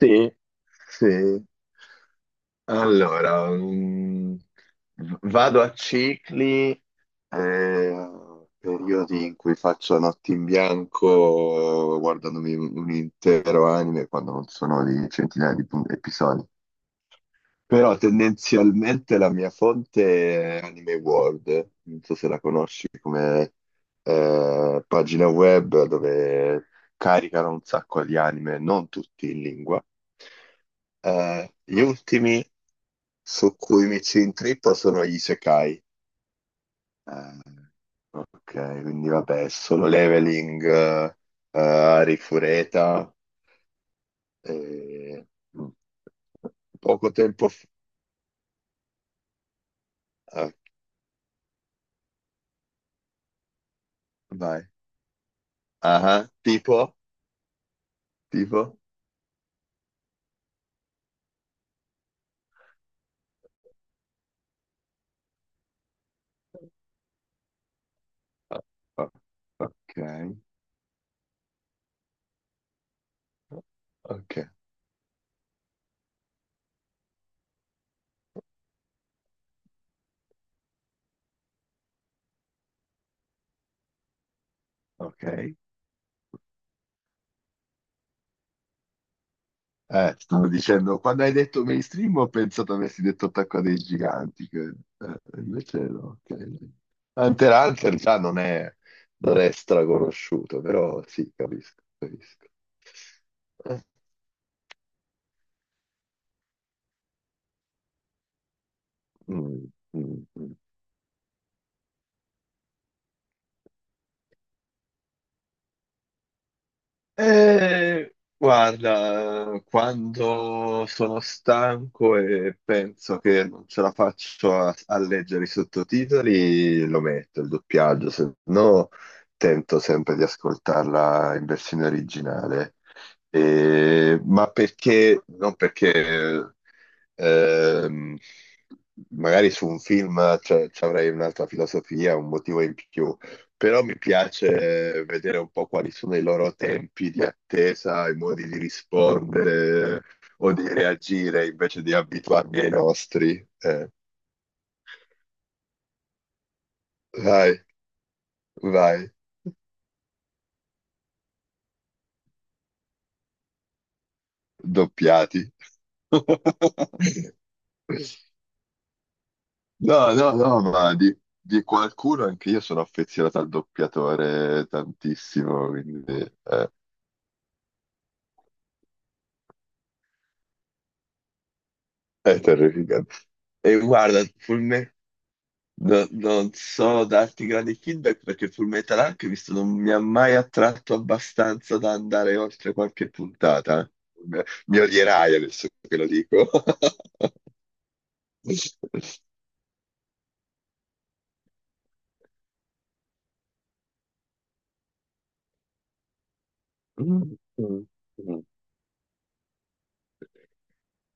Sì, sì. Allora, vado a cicli, eh, periodi in cui faccio notti in bianco guardandomi un intero anime quando non sono di centinaia di episodi. Però tendenzialmente la mia fonte è Anime World, non so se la conosci come pagina web dove caricano un sacco di anime, non tutti in lingua. Gli ultimi su cui mi ci intrippo sono gli Isekai. Eh, ok, quindi vabbè, solo leveling, Rifureta. eh, mm. Poco tempo fa... eh, Vai. Ah, tipo, tipo. Ah, ah, ok, ok, ok. Stavo dicendo, quando hai detto mainstream ho pensato avessi detto Attacco dei Giganti, che, invece no. Ok. Hunter x Hunter già non è straconosciuto, però sì, capisco, capisco. Eh, mm, mm, mm. Guarda, quando sono stanco e penso che non ce la faccio a leggere i sottotitoli, lo metto il doppiaggio, se no tento sempre di ascoltarla in versione originale. Ma perché, non perché ehm, magari su un film ci avrei un'altra filosofia, un motivo in più, però mi piace vedere un po' quali sono i loro tempi di attesa, i modi di rispondere o di reagire invece di abituarmi ai nostri. Vai, vai, doppiati. No, no, no, ma di qualcuno anche io sono affezionato al doppiatore tantissimo, quindi eh, è terrificante. E guarda, Full, Me- No- non so darti grandi feedback perché Fullmetal Alchemist non mi ha mai attratto abbastanza da andare oltre qualche puntata. Mi mi odierai adesso che lo dico.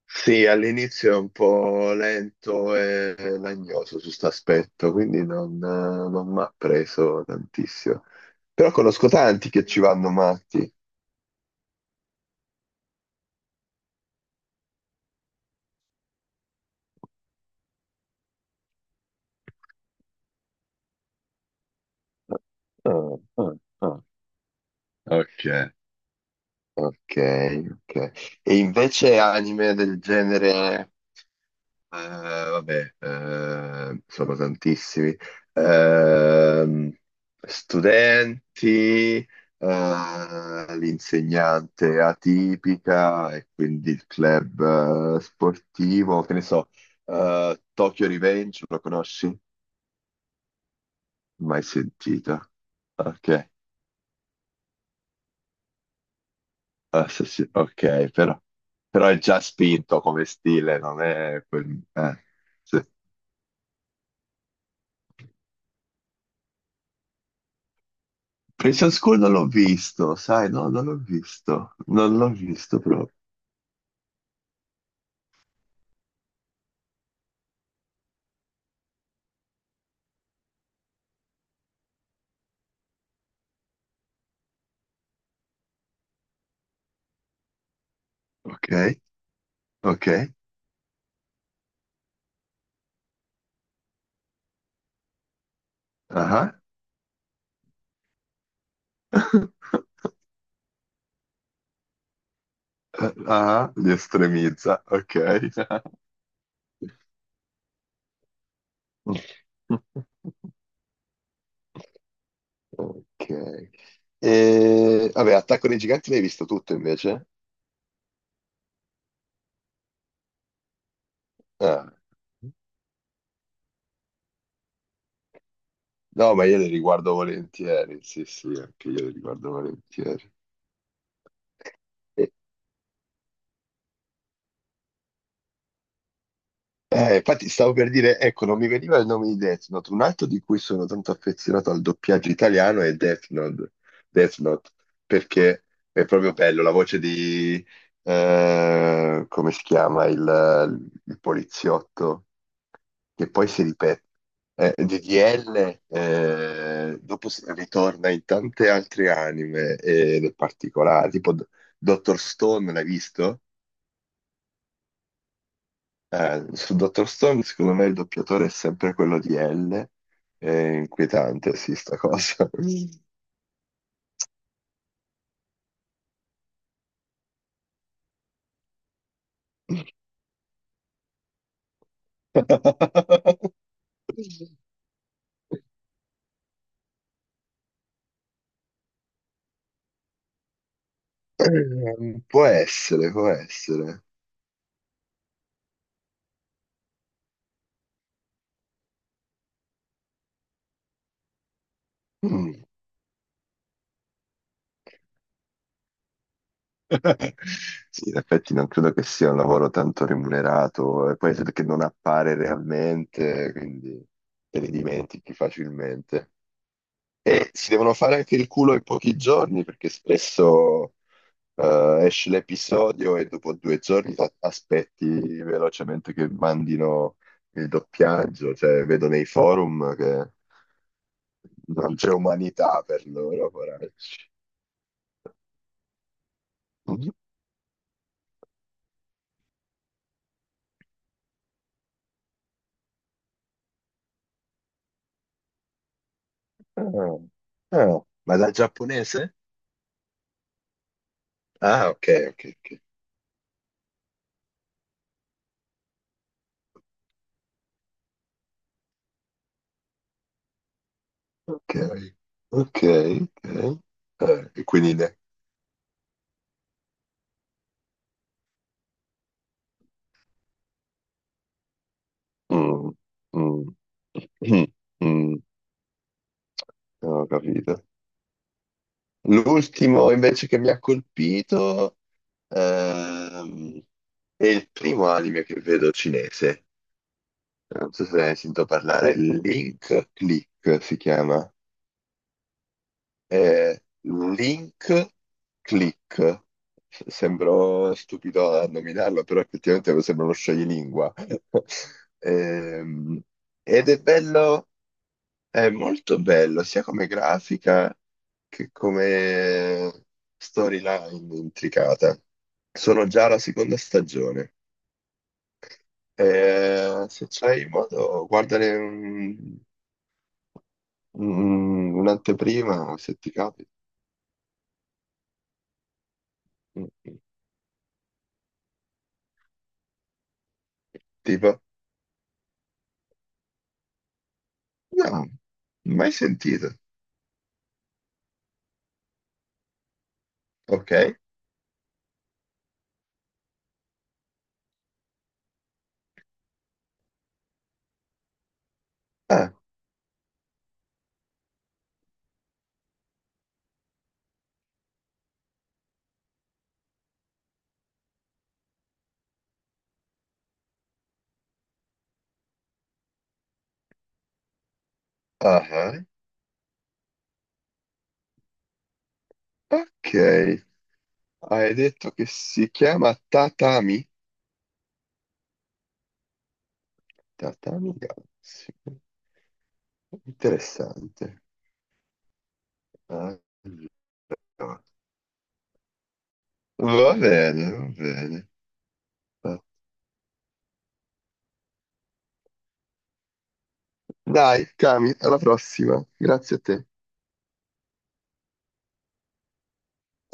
Sì, all'inizio è un po' lento e lagnoso su questo aspetto, quindi non mi ha preso tantissimo. Però conosco tanti che ci vanno matti. Ah, ah, ah. Ok. Ok, ok. E invece anime del genere, vabbè, sono tantissimi. Ehm, Studenti, l'insegnante atipica e quindi il club sportivo, che ne so, Tokyo Revenge, lo conosci? Mai sentita. Ok, ah, sì, sì, ok, però è già spinto come stile, non è quel... sì. Precious School non l'ho visto, sai, no, non l'ho visto, non l'ho visto proprio. Ok, ok, ah, ah, li estremizza, ok. Ok. E, vabbè, Attacco dei Giganti l'hai visto tutto invece? Ah, no, ma io le riguardo volentieri, sì, sì, anche io le riguardo volentieri. Infatti stavo per dire, ecco, non mi veniva il nome di Death Note, un altro di cui sono tanto affezionato al doppiaggio italiano è Death Note, perché è proprio bello la voce come si chiama, il poliziotto, che poi si ripete, di DDL, ritorna in tante altre anime ed è particolare, Dr. Stone, l'hai visto? Su Dr. Stone, secondo me il doppiatore è sempre quello di L. È inquietante, sì, sta cosa. Può essere, può essere. Mm. Sì, in effetti non credo che sia un lavoro tanto remunerato, e poi perché non appare realmente, quindi te li dimentichi facilmente. E si devono fare anche il culo in pochi giorni, perché spesso esce l'episodio e dopo due giorni aspetti velocemente che mandino il doppiaggio, cioè vedo nei forum che non c'è umanità per loro, poracci. Ah, ah, ma dal giapponese? Ah, ok, ok, ok. Ok, ok, ok. Eh, e quindi ne... Mm, mm, mm, mm, ho capito. L'ultimo invece che mi ha colpito... Ehm, è il primo anime che vedo cinese. Non so se ne hai sentito parlare. Link Click si chiama. È Link Click. Sembro stupido a nominarlo, però effettivamente sembra uno scioglilingua. Ehm, Ed è bello, è molto bello, sia come grafica che come storyline intricata. Sono già alla seconda stagione. E se c'hai modo, un'anteprima o se ti capita. Mm, mm. Tipo, no, mai sentito. Ok. Ah, ah, ah. Ok. Hai detto che si chiama Tatami? Tatami Galaxy. Interessante. Allora. Va bene, va bene. Dai, Cami, alla prossima. Grazie a te.